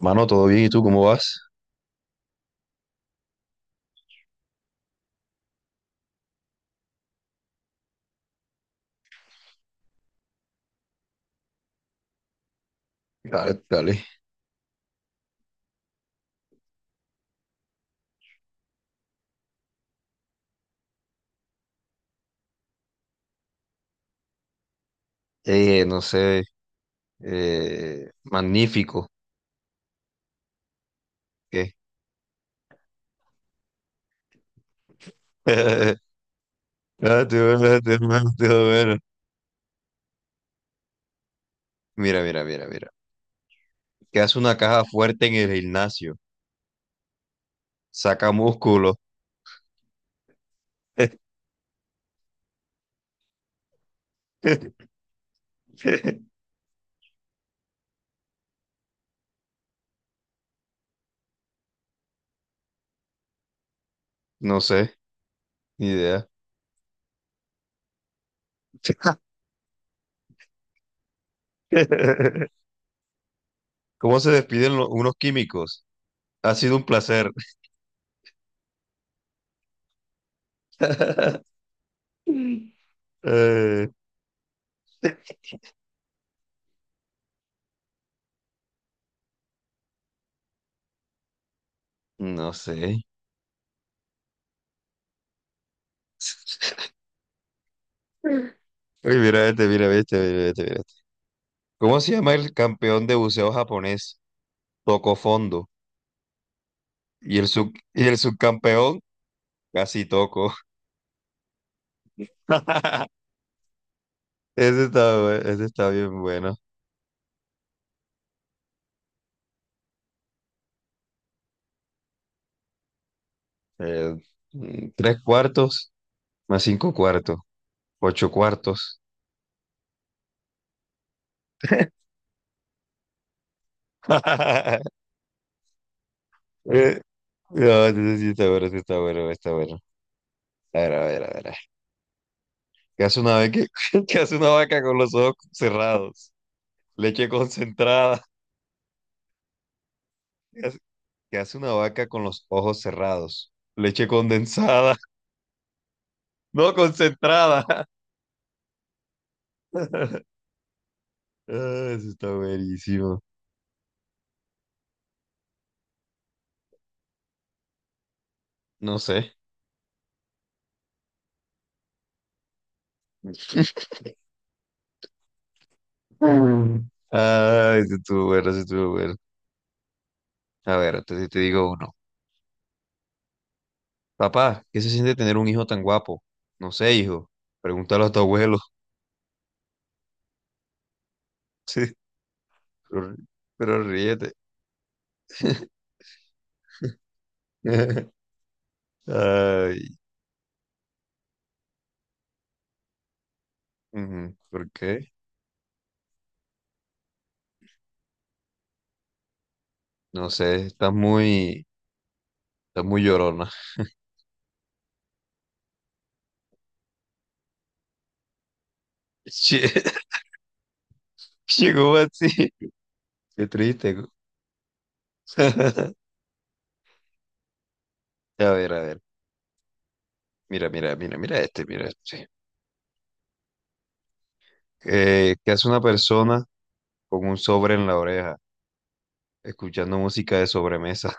Mano, todo bien, ¿y tú cómo vas? Dale, dale. No sé, magnífico. ¿Qué? Ah. Te voy a Mira, mira, mira, mira. ¿Que hace una caja fuerte en el gimnasio? Saca músculo. No sé, ni idea. ¿Cómo se despiden unos químicos? Ha sido un placer. Eh, no sé. Uy, mira este, mira este, mira este, mira este. ¿Cómo se llama el campeón de buceo japonés? Toco fondo. Y el subcampeón casi Toco. Ese está bien bueno. Eh, tres cuartos más cinco cuartos, ocho cuartos. Eh, no, ese sí está bueno, está bueno. A ver, a ver, a ver. A ver. ¿Qué hace una vez que, ¿qué hace una vaca con los ojos cerrados? Leche concentrada. ¿Qué hace, qué hace una vaca con los ojos cerrados? Leche condensada. No, concentrada. Ah, eso está buenísimo. No sé. Mm. Ah, eso estuvo bueno, eso estuvo bueno. A ver, entonces te digo uno. Papá, ¿qué se siente tener un hijo tan guapo? No sé, hijo. Pregúntalo a tu abuelo. Sí, pero, pero ríete. Ay, ujú, ¿por qué? No sé, estás muy llorona. Che, llegó así. Qué triste. A ver, a ver. Mira, mira, mira, mira este, mira este. Sí. ¿Qué hace una persona con un sobre en la oreja, escuchando música de sobremesa?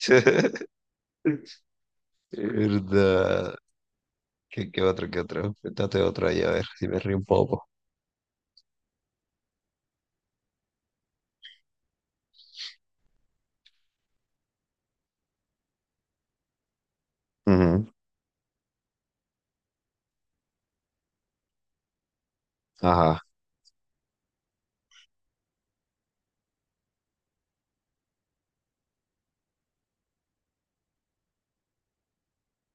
¿Verdad? ¿Qué otro, qué otro? Cuéntate otro ahí, a ver si me río un poco. Ujú. Ajá,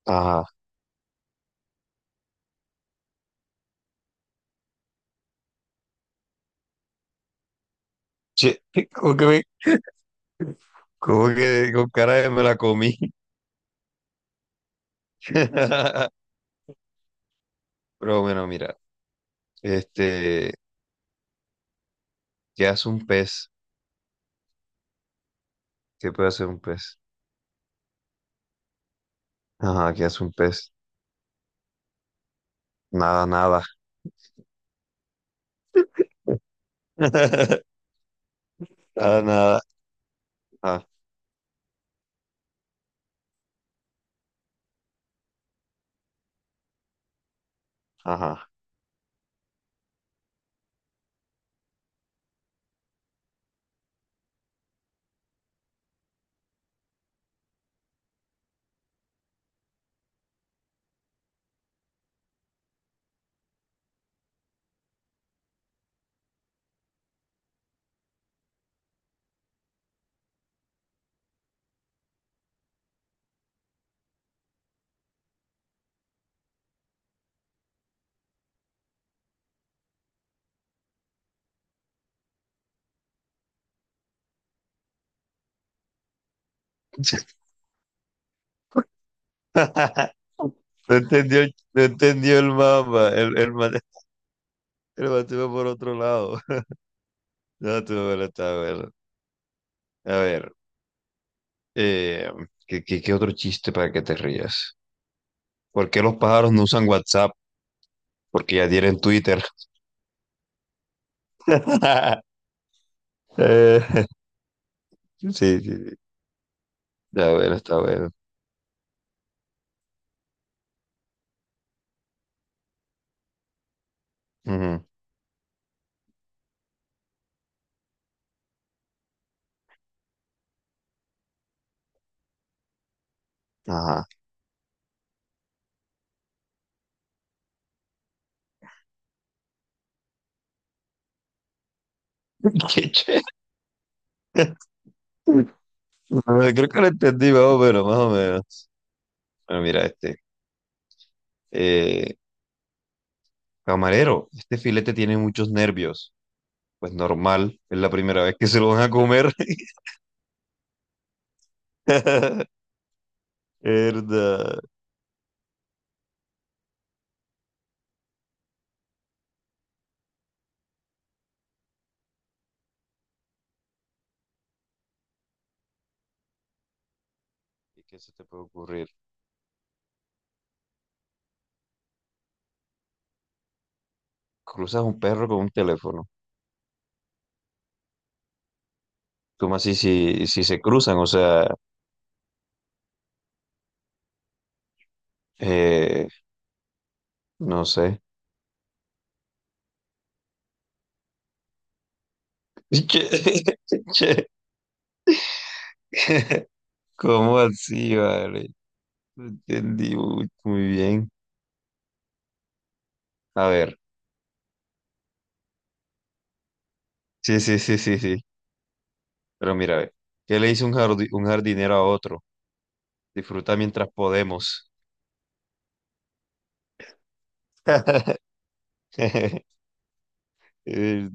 ajá. Che, ¿cómo que, me- cómo que con cara de me la comí? Pero bueno, mira, este, ¿qué hace un pez? ¿Qué puede hacer un pez? Ajá, ¿qué hace un pez? Nada, nada. Para nada. Ah, ajá. No entendió, no entendió el mapa. El mate va por otro lado. No, tú bueno, está bueno. A ver, eh, ¿qué, qué, qué otro chiste para que te rías? ¿Por qué los pájaros no usan WhatsApp? Porque ya tienen Twitter. Eh, sí, sí, sí. Está bueno, está bueno. Ujú. Ajá. Qué chévere. Creo que lo entendí más o menos, más o menos. Bueno, mira este. Eh, Camarero, este filete tiene muchos nervios. Pues normal, es la primera vez que se lo van a comer. Verdad. ¿Y qué se te puede ocurrir? Cruzas un perro con un teléfono. ¿Cómo así si se cruzan? O sea, eh, no sé. Che, che. ¿Cómo así, vale? No entendí muy, muy bien. A ver, sí, sí, sí, sí, sí. Pero mira, ve. ¿Qué le dice un jardinero a otro? Disfruta mientras podemos. Eh,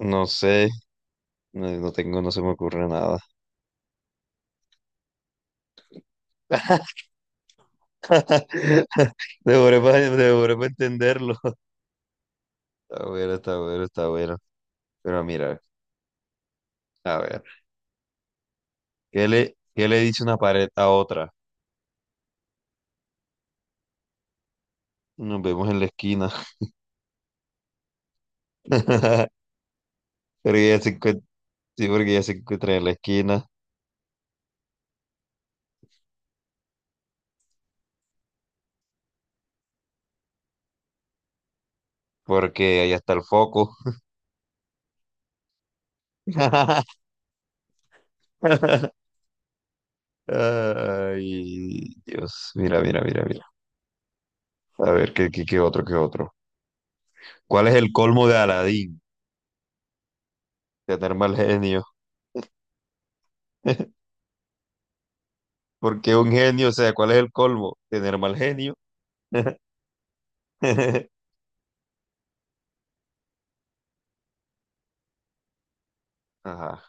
No sé, no, no tengo, no se me ocurre nada. Devoré para devoré pa entenderlo. Está bueno, está bueno, está bueno. Pero mira, a ver, ¿qué le dice una pared a otra? Nos vemos en la esquina. Porque ya se encuentra, sí, porque ya se encuentra en la esquina, porque allá está el foco. Ay, Dios, mira, mira, mira, mira. A ver, ¿qué otro, qué otro? ¿Cuál es el colmo de Aladín? Tener mal genio. Porque un genio, o sea, ¿cuál es el colmo? Tener mal genio. Ajá.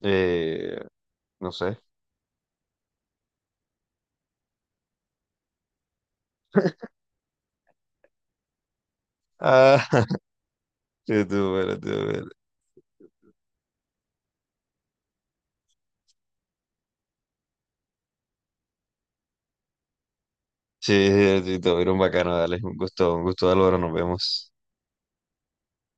Eh, no sé. Ah, sí, tú, bueno, tú, bueno. Sí, sí, sí, todo bien, bacano, dale. Un gusto, Álvaro, nos vemos.